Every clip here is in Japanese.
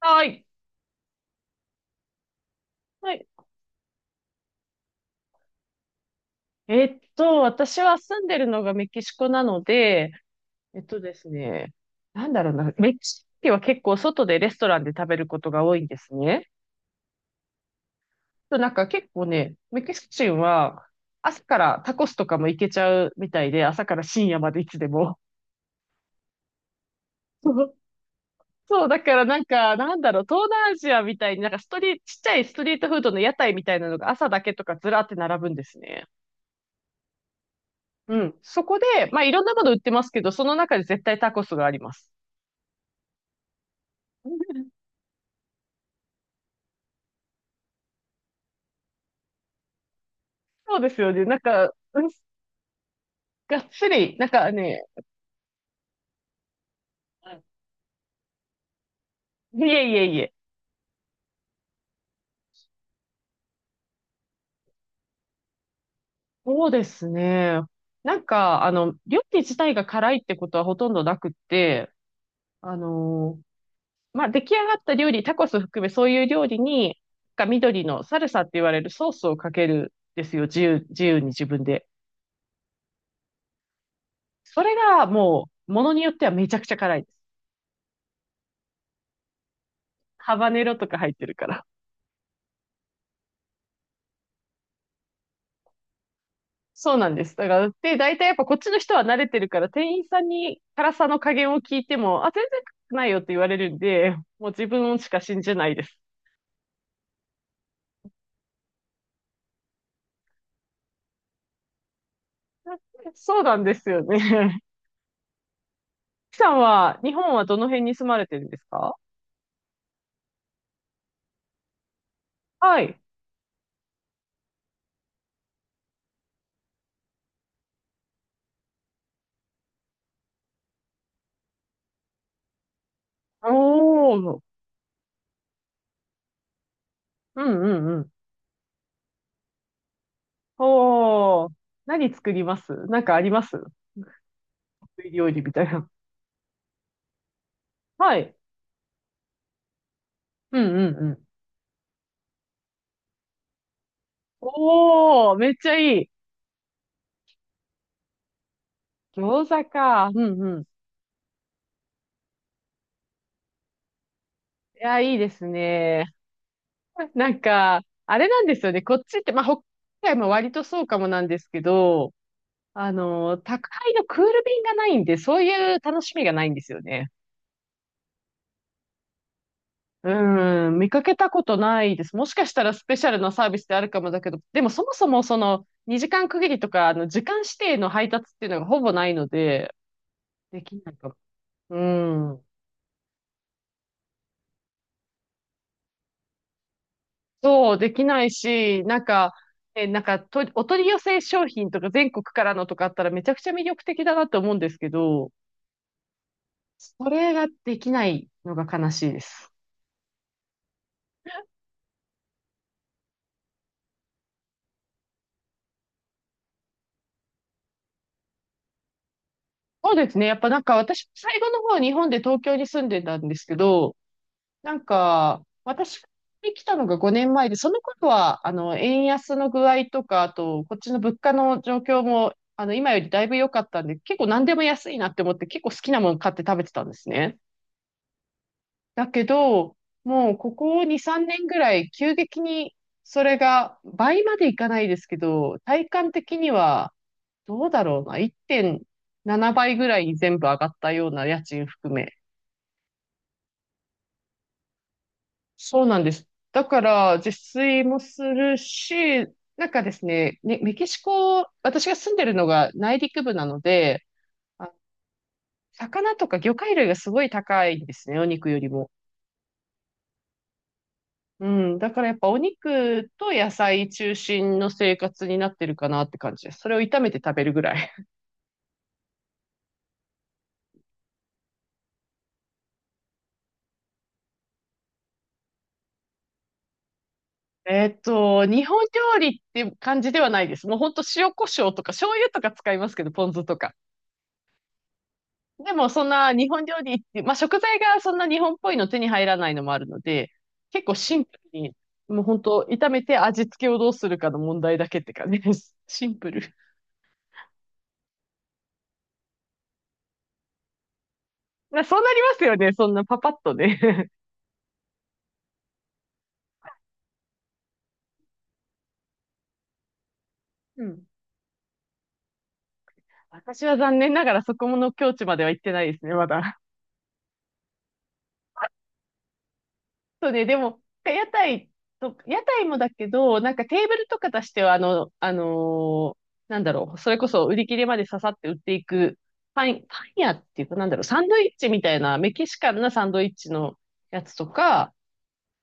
はい。はい。私は住んでるのがメキシコなので、えっとですね、なんだろうな、メキシコ人は結構外でレストランで食べることが多いんですね。となんか結構ね、メキシコ人は朝からタコスとかも行けちゃうみたいで、朝から深夜までいつでも。そう、だからなんか、東南アジアみたいになんかストリート、ちっちゃいストリートフードの屋台みたいなのが朝だけとかずらって並ぶんですね。うん。そこで、まあ、いろんなもの売ってますけど、その中で絶対タコスがあります。そうですよね。なんか、うんがっつり、なんかね、いえいえいえ。そうですね。なんか、料理自体が辛いってことはほとんどなくって、あのーまあ、出来上がった料理、タコス含めそういう料理に、なんか緑のサルサって言われるソースをかけるんですよ。自由に自分で。それがもう、ものによってはめちゃくちゃ辛いです。ハバネロとか入ってるから。そうなんです。だから、で、大体やっぱこっちの人は慣れてるから、店員さんに辛さの加減を聞いても、あ、全然辛くないよって言われるんで、もう自分しか信じないです。そうなんですよね。キさんは、日本はどの辺に住まれてるんですか？はい。おー。うんうんうん。おー。何作りますなんかあります得意料理みたいな。はい。うんうんうん。おー、めっちゃいい。餃子か。うんうん。いや、いいですね。なんか、あれなんですよね。こっちって、まあ、北海道も割とそうかもなんですけど、宅配のクール便がないんで、そういう楽しみがないんですよね。うん、見かけたことないです。もしかしたらスペシャルなサービスであるかもだけど、でもそもそもその2時間区切りとか、時間指定の配達っていうのがほぼないので、できないかも。うん。そう、できないし、なんか、なんかと、お取り寄せ商品とか全国からのとかあったらめちゃくちゃ魅力的だなと思うんですけど、それができないのが悲しいです。そうですね。やっぱなんか私、最後の方日本で東京に住んでたんですけど、なんか私が来たのが5年前で、その頃はあの円安の具合とか、あとこっちの物価の状況も今よりだいぶ良かったんで、結構何でも安いなって思って結構好きなもの買って食べてたんですね。だけど、もうここ2、3年ぐらい急激にそれが倍までいかないですけど、体感的にはどうだろうな。1.7倍ぐらいに全部上がったような家賃含め。そうなんです。だから、自炊もするし、なんかですね、メキシコ、私が住んでるのが内陸部なので、あ、魚とか魚介類がすごい高いんですね、お肉よりも。うん。だからやっぱお肉と野菜中心の生活になってるかなって感じです。それを炒めて食べるぐらい。日本料理って感じではないです。もうほんと塩コショウとか醤油とか使いますけど、ポン酢とか。でもそんな日本料理って、まあ食材がそんな日本っぽいの手に入らないのもあるので、結構シンプルに、もうほんと炒めて味付けをどうするかの問題だけって感じです。シンプル。まあそうなりますよね。そんなパパッとね。うん。私は残念ながらそこの境地までは行ってないですね、まだ。そうね、でも、屋台もだけど、なんかテーブルとか出しては、それこそ売り切れまで刺さって売っていく、パン屋っていうか、サンドイッチみたいな、メキシカンなサンドイッチのやつとか、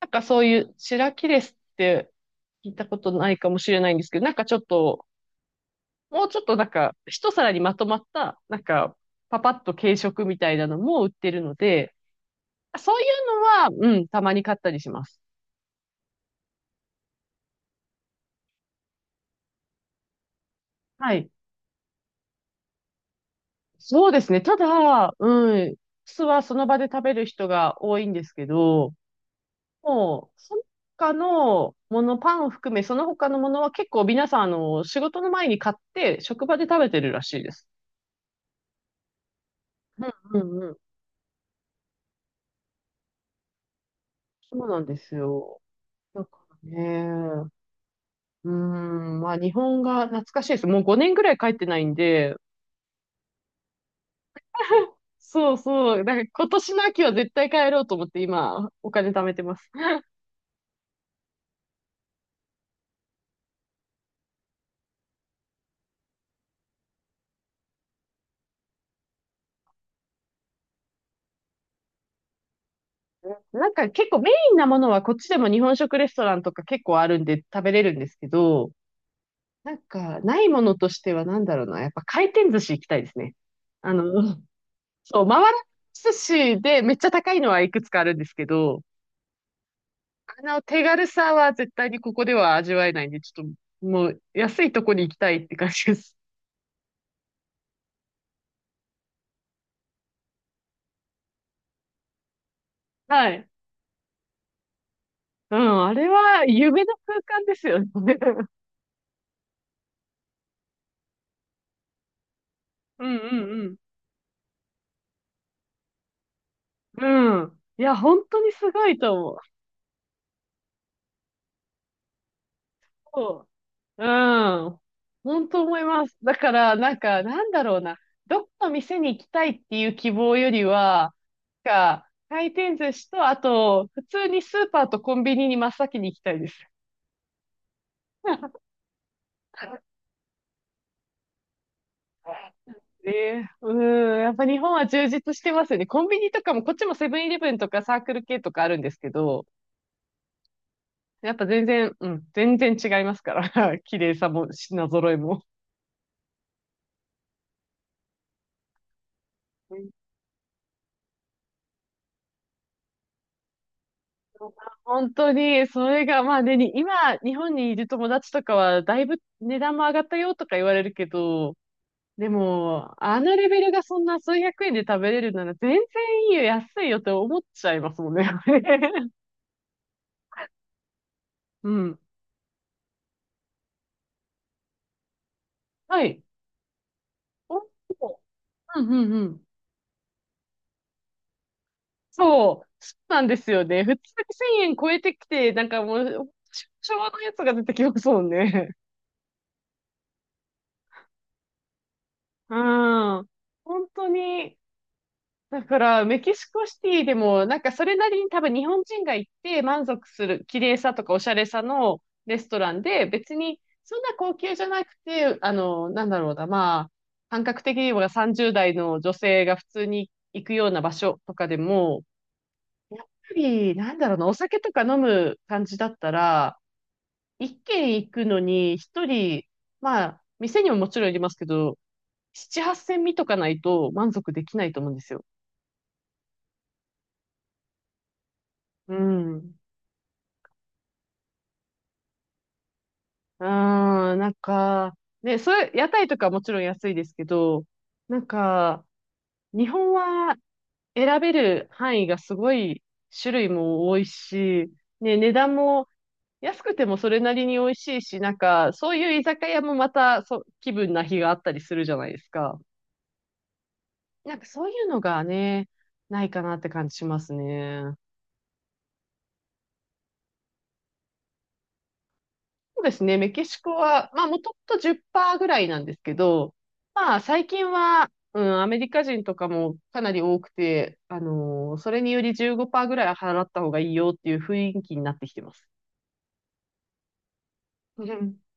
なんかそういう、シラキレスって聞いたことないかもしれないんですけど、なんかちょっと、もうちょっとなんか、一皿にまとまった、なんか、パパッと軽食みたいなのも売ってるので、そういうのは、うん、たまに買ったりします。はい。そうですね。ただ、うん、酢はその場で食べる人が多いんですけど、もう、その他のもの、パンを含め、その他のものは結構皆さん、仕事の前に買って、職場で食べてるらしいです。うんうんうん。そうなんですよ。だからね、うん、まあ日本が懐かしいです。もう5年ぐらい帰ってないんで、そうそう、だから今年の秋は絶対帰ろうと思って今、お金貯めてます。なんか結構メインなものはこっちでも日本食レストランとか結構あるんで食べれるんですけど、なんかないものとしてはなんだろうな、やっぱ回転寿司行きたいですね。あの、そう、回ら寿司でめっちゃ高いのはいくつかあるんですけど、あの手軽さは絶対にここでは味わえないんで、ちょっともう安いとこに行きたいって感じです。はい。うん、あれは夢の空間ですよね。うんうんうん。うん。いや、本当にすごいと思う。うん。本当思います。だから、なんか、なんだろうな。どこの店に行きたいっていう希望よりは、なんか、回転寿司と、あと、普通にスーパーとコンビニに真っ先に行きたいです。ねえ、うん、やっぱ日本は充実してますよね。コンビニとかも、こっちもセブンイレブンとかサークル系とかあるんですけど、やっぱ全然、うん、全然違いますから、綺麗さも品揃えも。本当に、それが、まあね、に今、日本にいる友達とかは、だいぶ値段も上がったよとか言われるけど、でも、あのレベルがそんな数百円で食べれるなら、全然いいよ、安いよって思っちゃいますもんね。うん。はい。お、うんうんうん。そう、そうなんですよね。普通に1000円超えてきて、なんかもう、昭和のやつが出てきますもんね。うん。本当に、だから、メキシコシティでも、なんかそれなりに多分日本人が行って満足する綺麗さとかおしゃれさのレストランで、別にそんな高級じゃなくて、なんだろうな、まあ、感覚的には30代の女性が普通に行くような場所とかでも、やっぱり、なんだろうな、お酒とか飲む感じだったら、一軒行くのに一人、まあ、店にももちろんありますけど、七八千見とかないと満足できないと思うんですよ。うん。うーん、なんか、ね、それ、屋台とかもちろん安いですけど、なんか、日本は選べる範囲がすごい種類も多いし、ね、値段も安くてもそれなりに美味しいし、なんか、そういう居酒屋もまた、そ、気分な日があったりするじゃないですか。なんかそういうのがね、ないかなって感じしますね。そうですね。メキシコは、まあ、もともと10%ぐらいなんですけど、まあ、最近は、うん、アメリカ人とかもかなり多くて、それにより15%ぐらい払った方がいいよっていう雰囲気になってきてます。